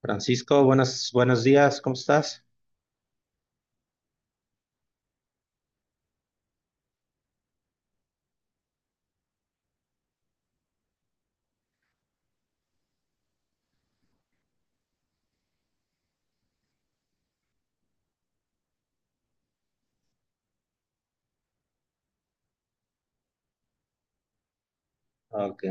Francisco, buenos días, ¿cómo estás? Ok.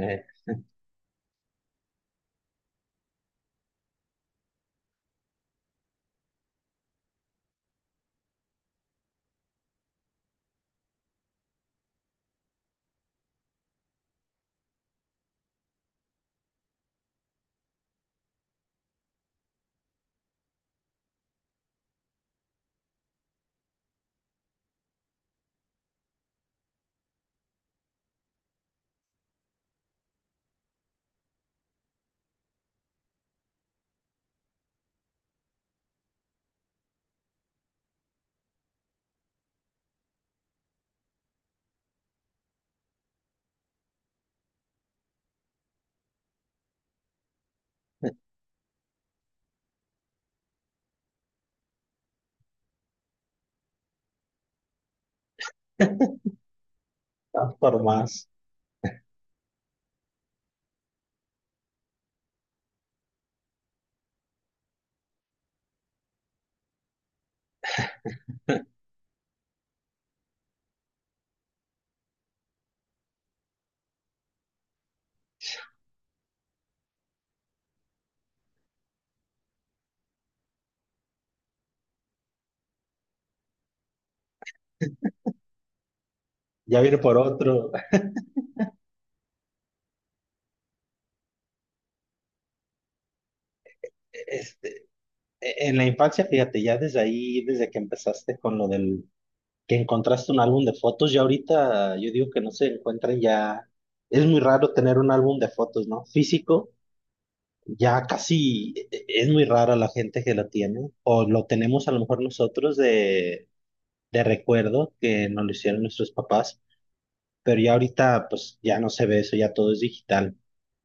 Vas por más. Ya viene por otro. Este, en la infancia, fíjate, ya desde ahí, desde que empezaste con lo del que encontraste un álbum de fotos, ya ahorita yo digo que no se encuentran ya. Es muy raro tener un álbum de fotos, ¿no? Físico, ya casi es muy rara la gente que lo tiene, o lo tenemos a lo mejor nosotros de recuerdo que nos lo hicieron nuestros papás. Pero ya ahorita pues ya no se ve eso, ya todo es digital.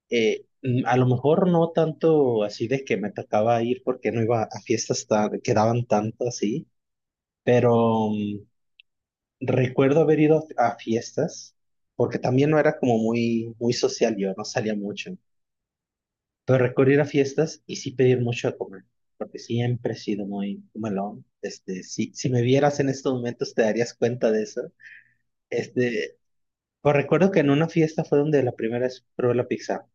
A lo mejor no tanto así de que me tocaba ir porque no iba a fiestas tan, que daban tanto así, pero recuerdo haber ido a fiestas porque también no era como muy, muy social yo, no salía mucho, pero recuerdo ir a fiestas y sí pedir mucho a comer. Porque siempre he sido muy melón. Este, si me vieras en estos momentos, te darías cuenta de eso. Este, pues recuerdo que en una fiesta fue donde la primera vez probé la pizza.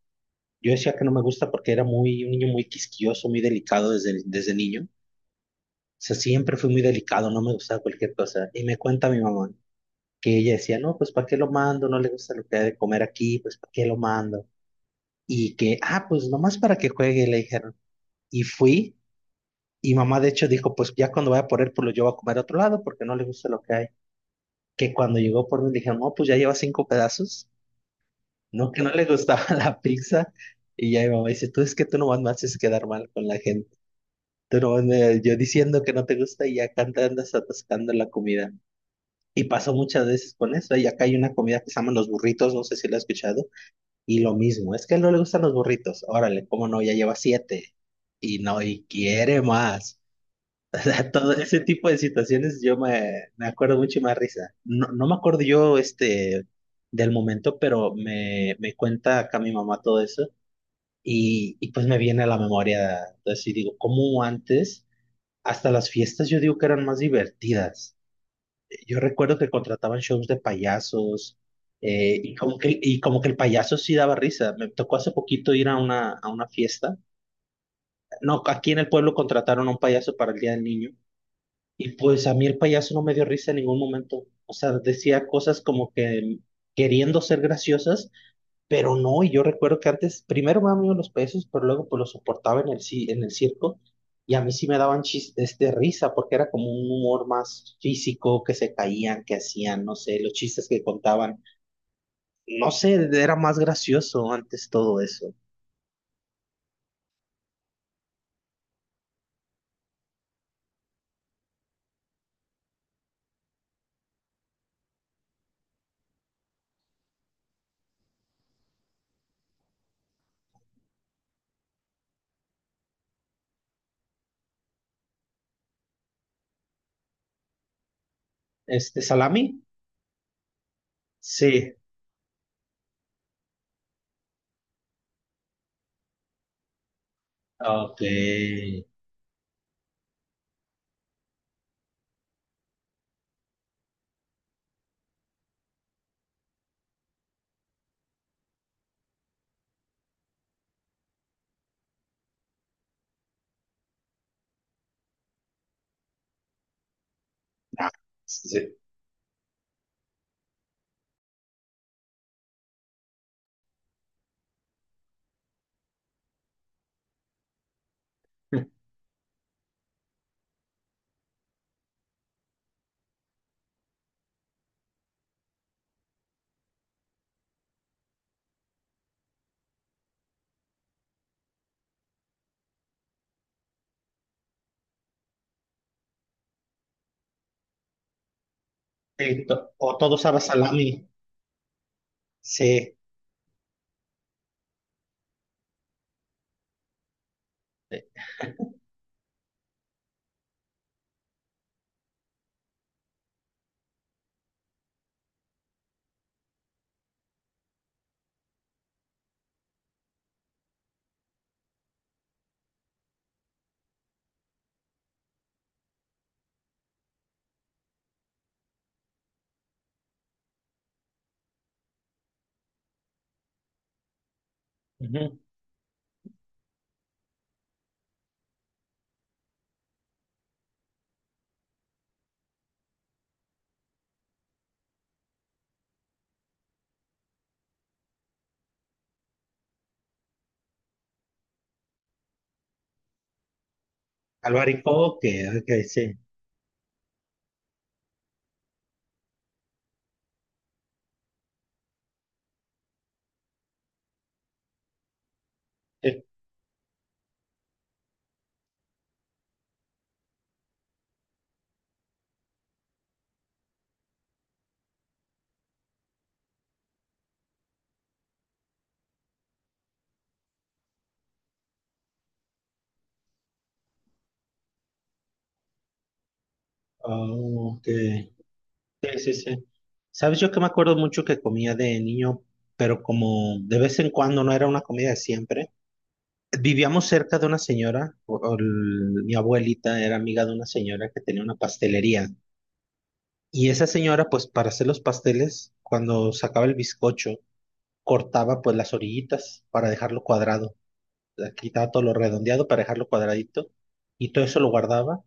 Yo decía que no me gusta porque era muy, un niño muy quisquilloso, muy delicado desde niño. O sea, siempre fui muy delicado, no me gustaba cualquier cosa. Y me cuenta mi mamá que ella decía, no, pues ¿para qué lo mando? No le gusta lo que hay de comer aquí, pues ¿para qué lo mando? Y que, ah, pues nomás para que juegue, le dijeron. Y fui, y mamá de hecho dijo, pues ya cuando vaya por él, pues lo llevo a comer a otro lado porque no le gusta lo que hay. Que cuando llegó por mí, le dijeron, no, pues ya lleva cinco pedazos. No, que no le gustaba la pizza. Y ya mi mamá dice, tú es que tú nomás me haces quedar mal con la gente. Tú no, me- yo diciendo que no te gusta y acá te andas atascando la comida. Y pasó muchas veces con eso. Y acá hay una comida que se llaman los burritos, no sé si la has escuchado. Y lo mismo, es que él no le gustan los burritos. Órale, cómo no, ya lleva siete. Y no, y quiere más. O sea, todo ese tipo de situaciones yo me acuerdo mucho y me da risa. No, no me acuerdo yo este del momento, pero me cuenta acá mi mamá todo eso. Y pues me viene a la memoria. Entonces, y digo, ¿cómo antes? Hasta las fiestas yo digo que eran más divertidas. Yo recuerdo que contrataban shows de payasos y como que el payaso sí daba risa. Me tocó hace poquito ir a una fiesta. No, aquí en el pueblo contrataron a un payaso para el Día del Niño y pues a mí el payaso no me dio risa en ningún momento. O sea, decía cosas como que queriendo ser graciosas pero no, y yo recuerdo que antes, primero me daban miedo los pesos, pero luego pues los soportaba en el circo, y a mí sí me daban risa, porque era como un humor más físico, que se caían, que hacían, no sé, los chistes que contaban, no sé, era más gracioso antes todo eso. Este, ¿salami? Sí. Ok. Ah, sí. Sí, to- o todo sabe a salami. Sí. Ujú. Albaricoque, ok, sí. Sí. Ah, ok. Sí, sí, sí. ¿Sabes? Yo que me acuerdo mucho que comía de niño, pero como de vez en cuando no era una comida de siempre. Vivíamos cerca de una señora, o el- mi abuelita era amiga de una señora que tenía una pastelería. Y esa señora, pues para hacer los pasteles, cuando sacaba el bizcocho, cortaba pues las orillitas para dejarlo cuadrado. Le quitaba todo lo redondeado para dejarlo cuadradito. Y todo eso lo guardaba.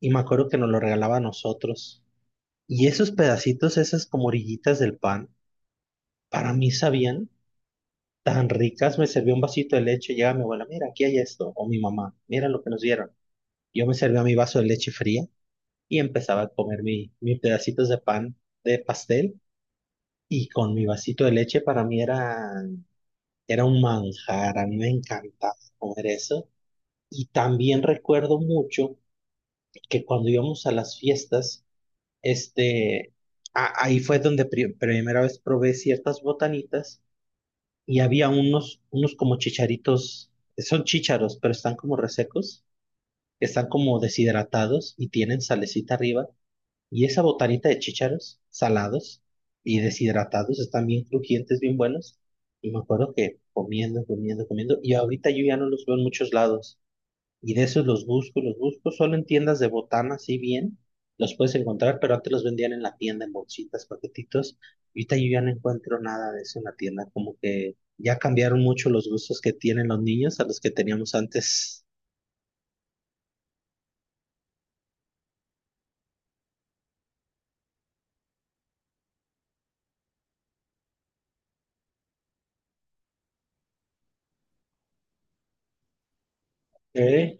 Y me acuerdo que nos lo regalaba a nosotros. Y esos pedacitos, esas como orillitas del pan, para mí sabían tan ricas. Me servía un vasito de leche, llega mi abuela, mira, aquí hay esto, o mi mamá, mira lo que nos dieron. Yo me servía mi vaso de leche fría y empezaba a comer mis pedacitos de pan de pastel y con mi vasito de leche para mí era, era un manjar, a mí me encantaba comer eso. Y también recuerdo mucho que cuando íbamos a las fiestas, este, ahí fue donde primera vez probé ciertas botanitas y había unos, como chicharitos, son chícharos, pero están como resecos, están como deshidratados y tienen salecita arriba. Y esa botanita de chícharos salados y deshidratados están bien crujientes, bien buenos. Y me acuerdo que comiendo, comiendo, comiendo. Y ahorita yo ya no los veo en muchos lados. Y de esos los busco, solo en tiendas de botana, sí bien, los puedes encontrar, pero antes los vendían en la tienda en bolsitas, paquetitos. Y ahorita yo ya no encuentro nada de eso en la tienda, como que ya cambiaron mucho los gustos que tienen los niños a los que teníamos antes. ¿Eh?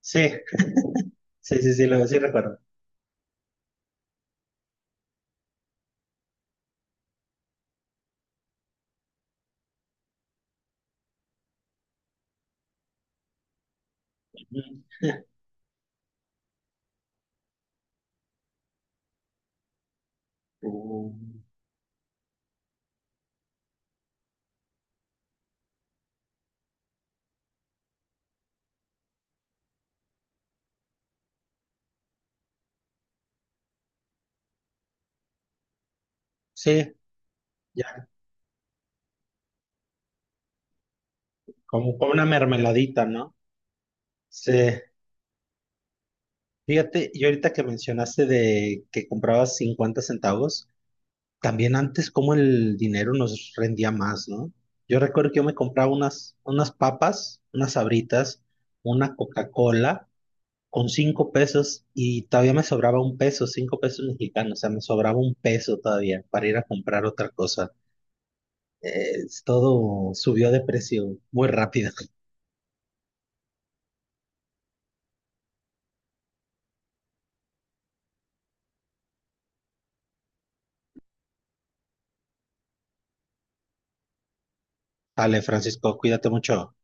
Sí, sí, sí, sí, lo sí recuerdo. Ujú. Mm, sí, ya, como una mermeladita, ¿no? Sí. Fíjate, y ahorita que mencionaste de que comprabas 50 centavos, también antes como el dinero nos rendía más, ¿no? Yo recuerdo que yo me compraba unas, unas papas, unas Sabritas, una Coca-Cola con 5 pesos y todavía me sobraba 1 peso, 5 pesos mexicanos, o sea, me sobraba 1 peso todavía para ir a comprar otra cosa. Todo subió de precio muy rápido. Dale, Francisco, cuídate mucho.